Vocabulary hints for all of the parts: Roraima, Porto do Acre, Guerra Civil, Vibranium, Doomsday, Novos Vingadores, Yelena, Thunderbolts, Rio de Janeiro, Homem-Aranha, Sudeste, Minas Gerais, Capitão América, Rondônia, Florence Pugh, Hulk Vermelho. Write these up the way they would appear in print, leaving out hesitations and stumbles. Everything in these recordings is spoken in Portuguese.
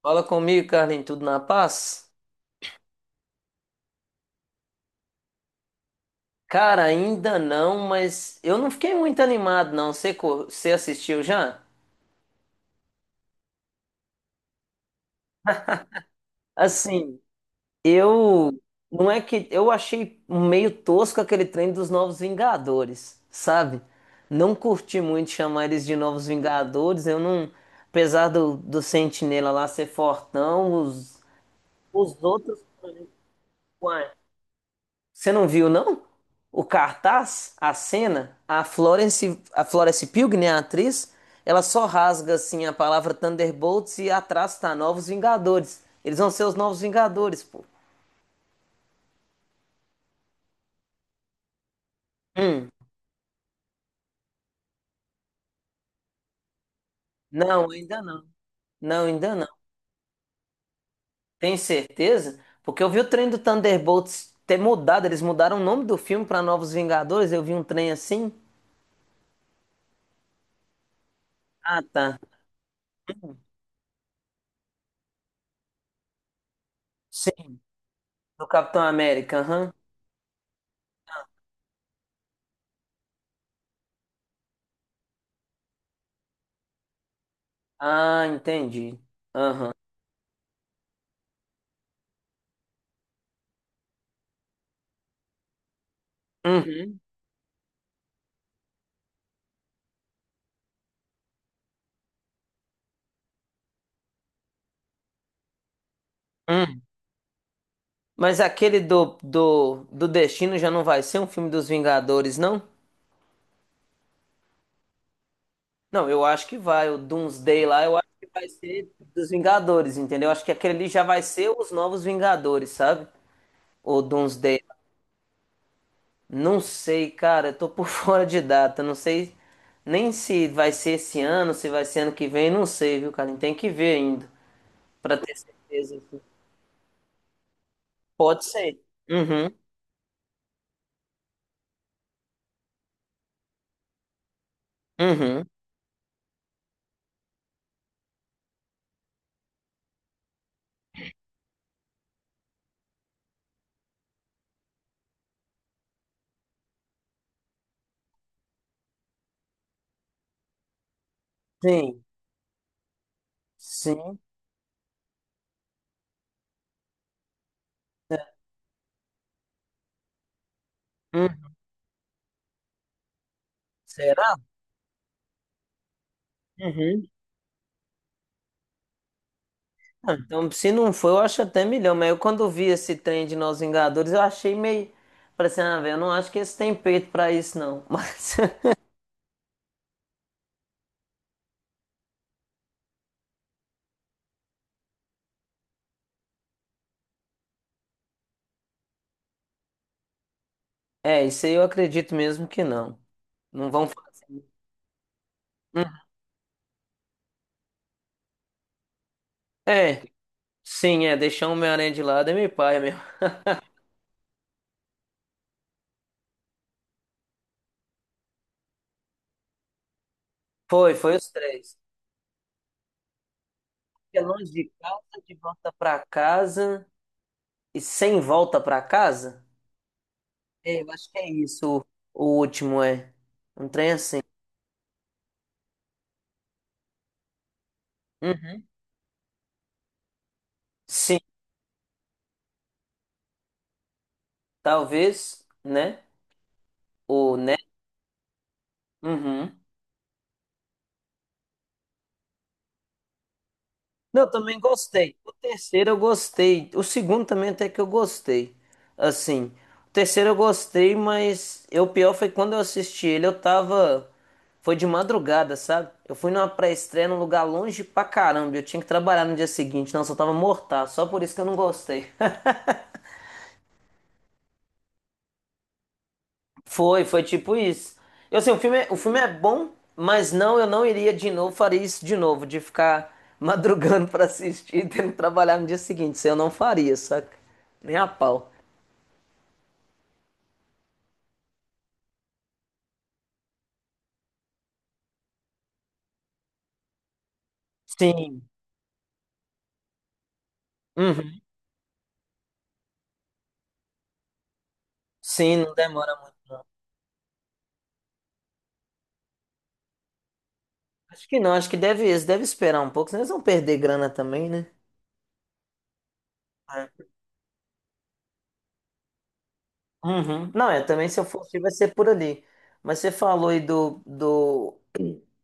Fala comigo, Carlinhos, tudo na paz? Cara, ainda não, mas eu não fiquei muito animado, não. Você, você assistiu já? Assim, eu. Não é que. Eu achei um meio tosco aquele trem dos Novos Vingadores, sabe? Não curti muito chamar eles de Novos Vingadores. Eu não. Apesar do Sentinela lá ser fortão, os outros. Você não viu, não? O cartaz, a cena, a Florence Pugh, né, a atriz, ela só rasga assim a palavra Thunderbolts e atrás tá Novos Vingadores. Eles vão ser os Novos Vingadores, pô. Hum, não, ainda não. Não, ainda não. Tem certeza? Porque eu vi o trem do Thunderbolts ter mudado, eles mudaram o nome do filme pra Novos Vingadores, eu vi um trem assim. Ah, tá. Sim, do Capitão América, aham. Ah, entendi. Aham. Uhum. Uhum. Mas aquele do Destino já não vai ser um filme dos Vingadores, não? Não, eu acho que vai. O Doomsday lá, eu acho que vai ser dos Vingadores, entendeu? Acho que aquele ali já vai ser os novos Vingadores, sabe? O Doomsday. Não sei, cara. Eu tô por fora de data. Não sei nem se vai ser esse ano, se vai ser ano que vem. Não sei, viu, cara? Tem que ver ainda, pra ter certeza. Pode ser. Uhum, uhum. Sim, sim. Uhum. Será? Uhum. Ah, então, se não foi, eu acho até milhão. Mas eu, quando vi esse trem de Nós Vingadores, eu achei meio. Falei assim, ah, velho, eu não acho que eles têm peito pra isso, não. Mas, é, isso aí eu acredito mesmo que não. Não vão. Hum, É, sim, é. Deixar o Homem-Aranha de lado é meio paia mesmo. Foi, foi os três. É longe de casa, de volta pra casa e sem volta pra casa? É, eu acho que é isso. O último é. Um trem assim. Uhum. Sim, talvez, né? O, né? Uhum. Não, eu também gostei. O terceiro eu gostei. O segundo também até que eu gostei. Assim, o terceiro eu gostei, mas eu, o pior foi quando eu assisti ele, eu tava. Foi de madrugada, sabe? Eu fui numa pré-estreia num lugar longe pra caramba. Eu tinha que trabalhar no dia seguinte. Não, eu só tava mortal. Só por isso que eu não gostei. Foi, foi tipo isso. Eu sei, o filme, o filme é bom, mas não, eu não iria de novo, faria isso de novo, de ficar madrugando pra assistir e tendo que trabalhar no dia seguinte. Isso eu não faria, saca? Nem a pau. Sim. Uhum. Sim, não demora muito. Acho que não, acho que deve, eles devem esperar um pouco, senão eles vão perder grana também, né? É. Uhum. Não, é, também se eu fosse, vai ser por ali. Mas você falou aí do...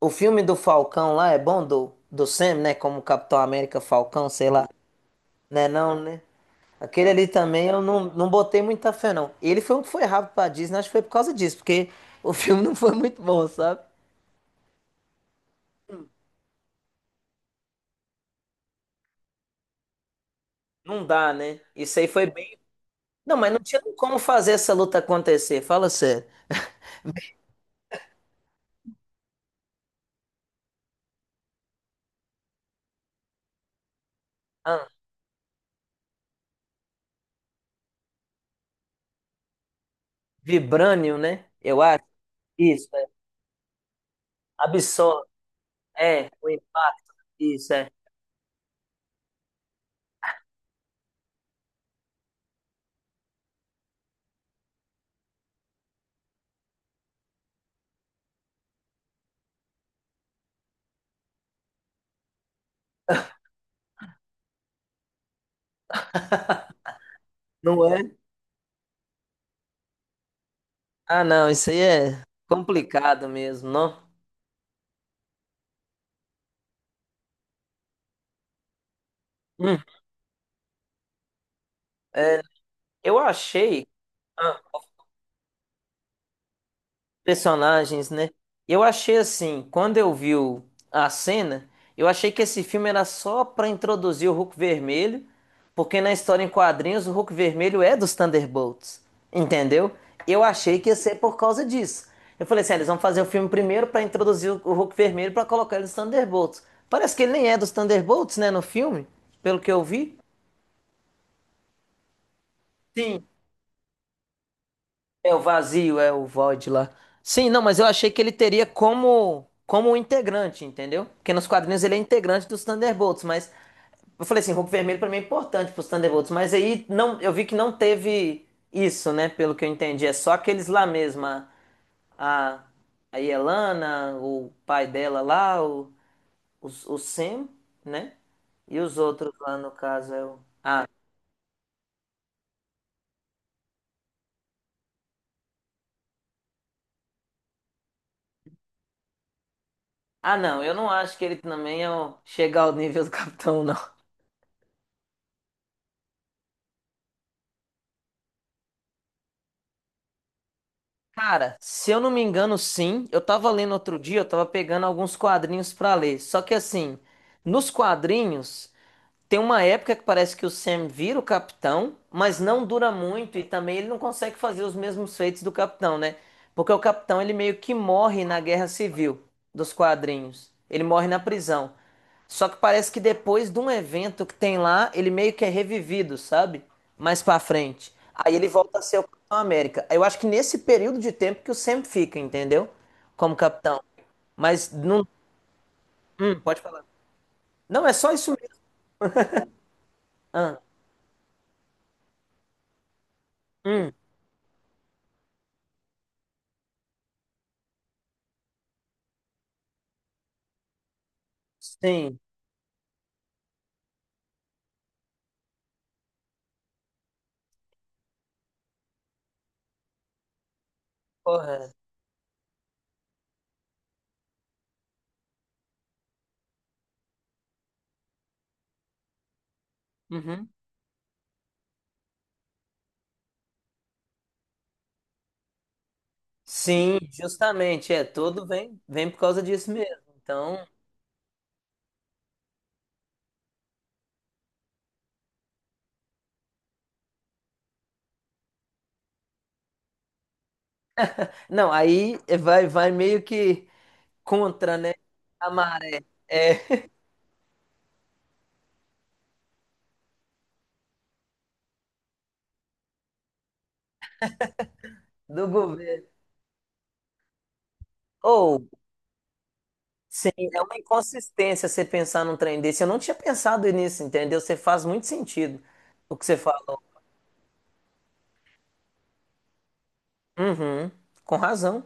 O filme do Falcão lá é bom? Do Sam, né? Como Capitão América Falcão, sei lá. Né não, né? Aquele ali também eu não, não botei muita fé, não. Ele foi um que foi rápido pra Disney, acho que foi por causa disso, porque o filme não foi muito bom, sabe? Não dá, né? Isso aí foi bem. Não, mas não tinha como fazer essa luta acontecer, fala sério. Ah, Vibranium, né? Eu acho. Isso, é. Absorve. É, o impacto. Isso, é. Não é? Ah, não, isso aí é complicado mesmo, não? Hum, eu achei. Personagens, né? Eu achei assim, quando eu vi a cena, eu achei que esse filme era só pra introduzir o Hulk Vermelho, porque na história em quadrinhos o Hulk Vermelho é dos Thunderbolts, entendeu? Eu achei que ia ser por causa disso. Eu falei assim, ah, eles vão fazer o filme primeiro pra introduzir o Hulk Vermelho pra colocar ele nos Thunderbolts. Parece que ele nem é dos Thunderbolts, né, no filme, pelo que eu vi. Sim. É o vazio, é o void lá. Sim, não, mas eu achei que ele teria como como um integrante, entendeu? Porque nos quadrinhos ele é integrante dos Thunderbolts, mas eu falei assim, Hulk Vermelho pra mim é importante pros Thunderbolts, mas aí não, eu vi que não teve isso, né, pelo que eu entendi, é só aqueles lá mesmo, a, a Yelena, o pai dela lá, o, o Sam, né? E os outros lá no caso é o. Ah, não, eu não acho que ele também é o... chega ao nível do Capitão, não. Cara, se eu não me engano, sim. Eu tava lendo outro dia, eu tava pegando alguns quadrinhos pra ler. Só que assim, nos quadrinhos. Tem uma época que parece que o Sam vira o capitão, mas não dura muito e também ele não consegue fazer os mesmos feitos do capitão, né? Porque o capitão ele meio que morre na Guerra Civil dos quadrinhos. Ele morre na prisão. Só que parece que depois de um evento que tem lá, ele meio que é revivido, sabe? Mais pra frente. Aí ele volta a ser o Capitão América. Eu acho que nesse período de tempo que o Sam fica, entendeu? Como capitão. Mas não. Pode falar. Não, é só isso mesmo. Ah, hum, sim. Correto. Uhum. Sim, justamente, é, todo vem, vem por causa disso mesmo. Então, não, aí vai, vai meio que contra, né, a maré é, do governo. Ou, sim, é uma inconsistência você pensar num trem desse. Eu não tinha pensado nisso, entendeu? Você faz muito sentido o que você falou. Uhum, com razão,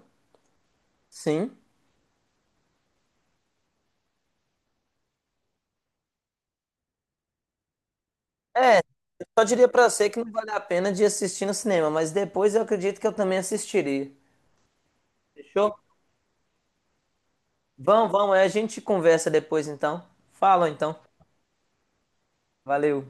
sim. É, eu só diria pra você que não vale a pena de assistir no cinema, mas depois eu acredito que eu também assistiria. Fechou? Vamos, vamos, aí a gente conversa depois então. Fala então. Valeu.